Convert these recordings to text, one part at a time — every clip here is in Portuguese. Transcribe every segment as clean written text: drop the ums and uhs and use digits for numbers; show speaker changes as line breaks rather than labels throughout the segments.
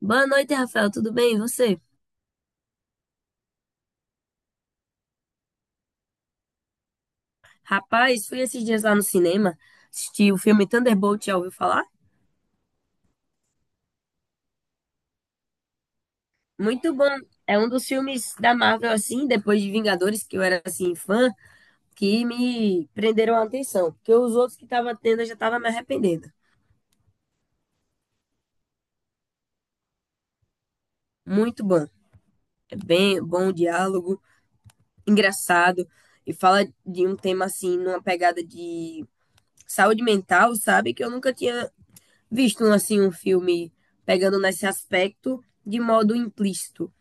Boa noite, Rafael. Tudo bem? E você? Rapaz, fui esses dias lá no cinema assistir o filme Thunderbolt, já ouviu falar? Muito bom. É um dos filmes da Marvel, assim, depois de Vingadores, que eu era, assim, fã, que me prenderam a atenção. Porque os outros que tava tendo, eu já tava me arrependendo. Muito bom. É bem bom o diálogo, engraçado. E fala de um tema, assim, numa pegada de saúde mental, sabe? Que eu nunca tinha visto, assim, um filme pegando nesse aspecto de modo implícito.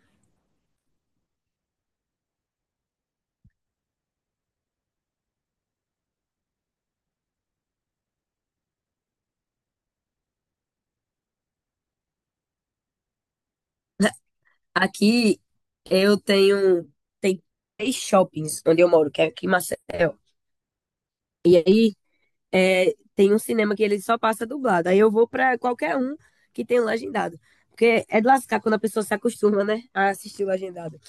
Aqui eu tenho tem três shoppings onde eu moro, que é aqui em Maceió. E aí é, tem um cinema que ele só passa dublado. Aí eu vou pra qualquer um que tem legendado. Porque é de lascar quando a pessoa se acostuma, né? A assistir legendado.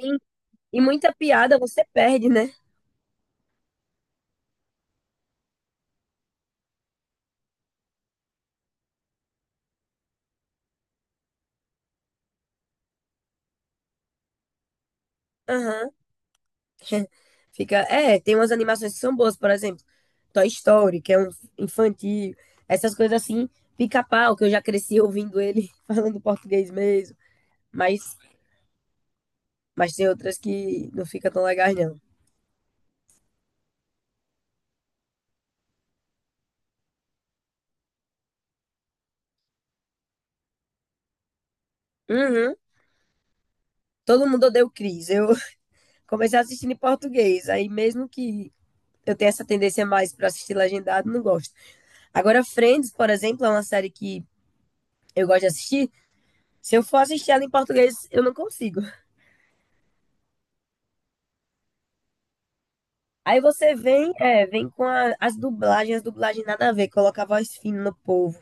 Sim. E muita piada você perde, né? Aham. Fica. É, tem umas animações que são boas, por exemplo, Toy Story, que é um infantil, essas coisas assim, Pica-Pau, que eu já cresci ouvindo ele falando português mesmo. Mas Mas tem outras que não fica tão legais, não. Uhum. Todo mundo odeia o Chris. Eu comecei assistindo em português. Aí mesmo que eu tenha essa tendência mais para assistir legendado, não gosto. Agora, Friends, por exemplo, é uma série que eu gosto de assistir. Se eu for assistir ela em português, eu não consigo. Aí você vem, é, vem com as dublagens nada a ver, coloca a voz fina no povo.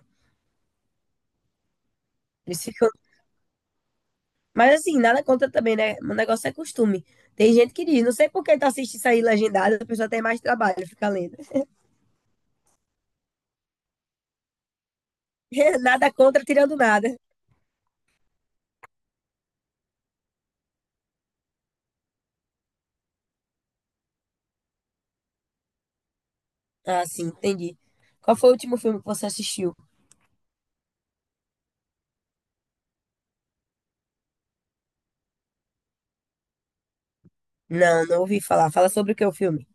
Eles ficam. Mas assim, nada contra também, né? O negócio é costume. Tem gente que diz, não sei por que tá assistindo isso aí legendado, a pessoa tem mais trabalho, fica lendo. Nada contra, tirando nada. Ah, sim, entendi. Qual foi o último filme que você assistiu? Não, não ouvi falar. Fala sobre o que é o filme.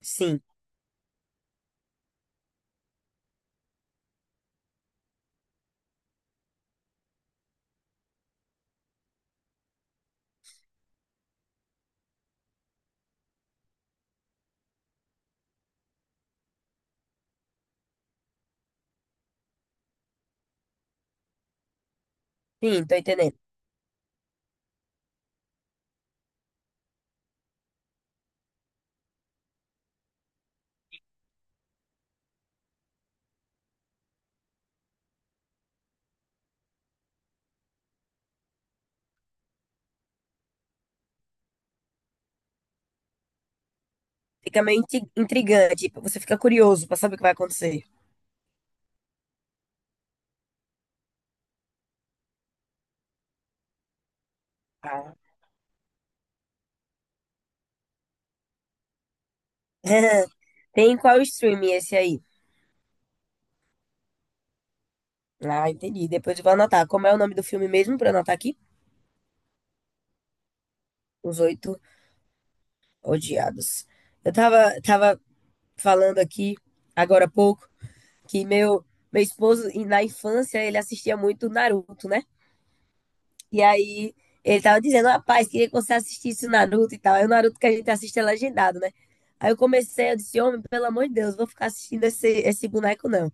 Sim, sim, tô entendendo. Fica meio intrigante. Tipo, você fica curioso pra saber o que vai acontecer. Ah. Tem qual streaming esse aí? Ah, entendi. Depois eu vou anotar. Como é o nome do filme mesmo pra eu anotar aqui? Os Oito Odiados. Eu tava falando aqui, agora há pouco, que meu esposo, e na infância, ele assistia muito Naruto, né? E aí ele tava dizendo, rapaz, queria que você assistisse o Naruto e tal. Aí o Naruto que a gente assiste é legendado, né? Aí eu comecei, eu disse, homem, pelo amor de Deus, vou ficar assistindo esse boneco, não.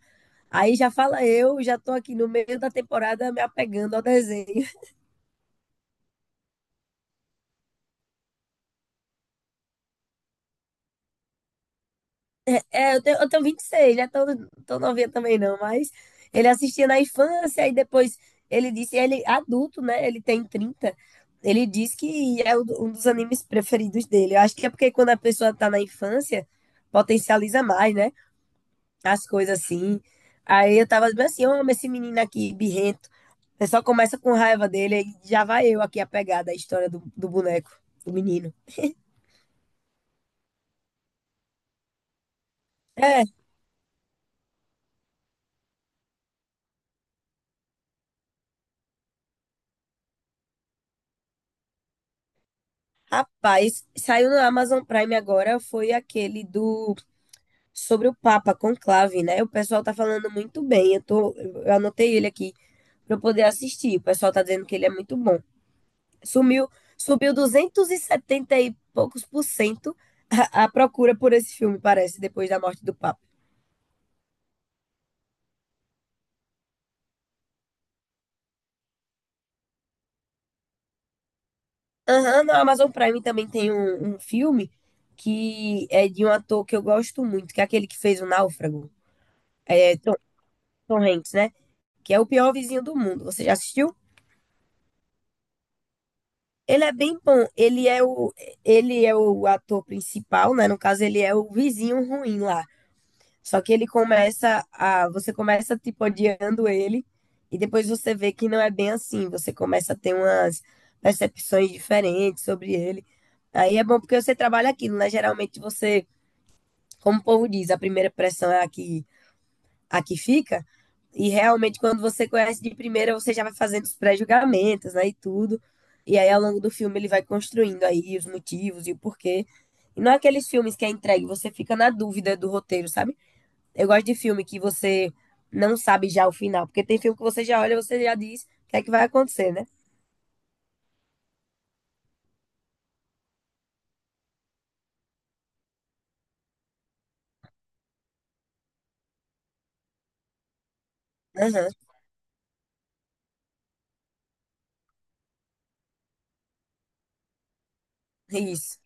Aí já fala eu, já tô aqui no meio da temporada me apegando ao desenho. É, eu tenho 26, né? Tô novinha também não, mas ele assistia na infância e depois ele disse, ele é adulto, né? Ele tem 30. Ele diz que é um dos animes preferidos dele. Eu acho que é porque quando a pessoa tá na infância, potencializa mais, né? As coisas assim. Aí eu tava bem assim, eu amo esse menino aqui, birrento. Você só começa com raiva dele, aí já vai eu aqui a pegada, a história do boneco, do menino. É, rapaz, saiu no Amazon Prime agora, foi aquele do sobre o Papa Conclave, né? O pessoal tá falando muito bem. Eu anotei ele aqui pra eu poder assistir. O pessoal tá dizendo que ele é muito bom. Sumiu, subiu 270 e setenta e poucos por cento a procura por esse filme, parece, depois da morte do Papa. Aham, no Amazon Prime também tem um filme que é de um ator que eu gosto muito, que é aquele que fez o Náufrago, é Tom Hanks, né? Que é o pior vizinho do mundo. Você já assistiu? Ele é bem bom. Ele é o ator principal, né? No caso, ele é o vizinho ruim lá. Só que ele começa a, você começa tipo odiando ele e depois você vê que não é bem assim. Você começa a ter umas percepções diferentes sobre ele. Aí é bom porque você trabalha aquilo, né? Geralmente você, como o povo diz, a primeira pressão é a que fica. E realmente, quando você conhece de primeira, você já vai fazendo os pré-julgamentos, né? E tudo. E aí, ao longo do filme, ele vai construindo aí os motivos e o porquê. E não é aqueles filmes que é entregue, você fica na dúvida do roteiro, sabe? Eu gosto de filme que você não sabe já o final, porque tem filme que você já olha, e você já diz o que é que vai acontecer, né? Aham, é isso.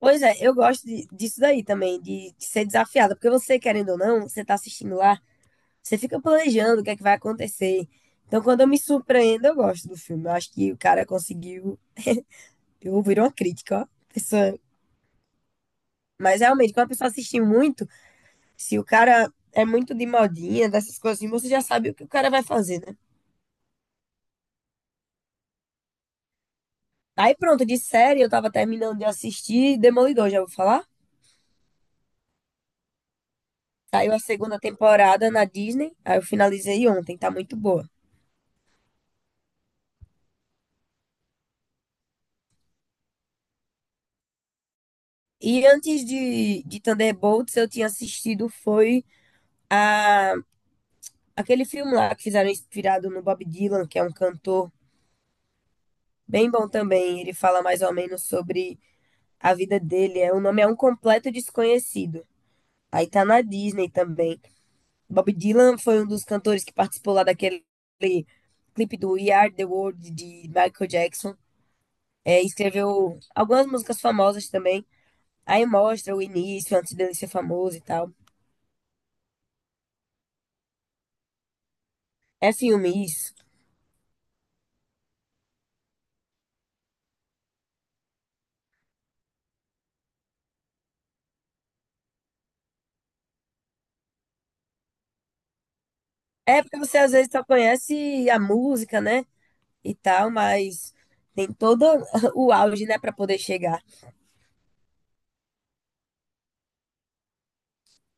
Pois é, eu gosto disso daí também, de ser desafiada, porque você, querendo ou não, você tá assistindo lá. Você fica planejando o que é que vai acontecer. Então, quando eu me surpreendo, eu gosto do filme. Eu acho que o cara conseguiu. Eu ouvi uma crítica, ó. Pessoa... Mas realmente, quando a pessoa assiste muito, se o cara é muito de modinha, dessas coisas assim, você já sabe o que o cara vai fazer, né? Aí pronto, de série, eu tava terminando de assistir Demolidor, já vou falar? Saiu a segunda temporada na Disney, aí eu finalizei ontem, tá muito boa. E antes de Thunderbolts, eu tinha assistido foi a. Aquele filme lá que fizeram inspirado no Bob Dylan, que é um cantor bem bom também, ele fala mais ou menos sobre a vida dele. É, o nome é Um Completo Desconhecido. Aí tá na Disney também. Bob Dylan foi um dos cantores que participou lá daquele clipe do We Are the World de Michael Jackson. É, escreveu algumas músicas famosas também. Aí mostra o início, antes dele ser famoso e tal. É filme isso. É porque você às vezes só conhece a música, né? E tal, mas tem todo o auge, né, para poder chegar.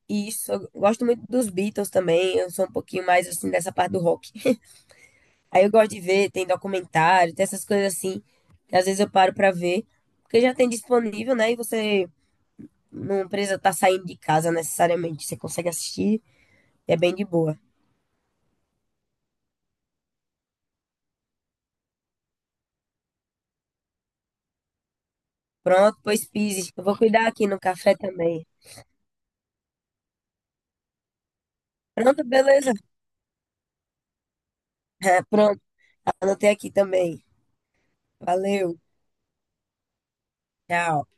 E isso, eu gosto muito dos Beatles também, eu sou um pouquinho mais assim dessa parte do rock. Aí eu gosto de ver, tem documentário, tem essas coisas assim, que às vezes eu paro para ver, porque já tem disponível, né, e você não precisa estar saindo de casa necessariamente, você consegue assistir, é bem de boa. Pronto, pois Pise, eu vou cuidar aqui no café também. Pronto, beleza? Pronto, anotei aqui também. Valeu, tchau.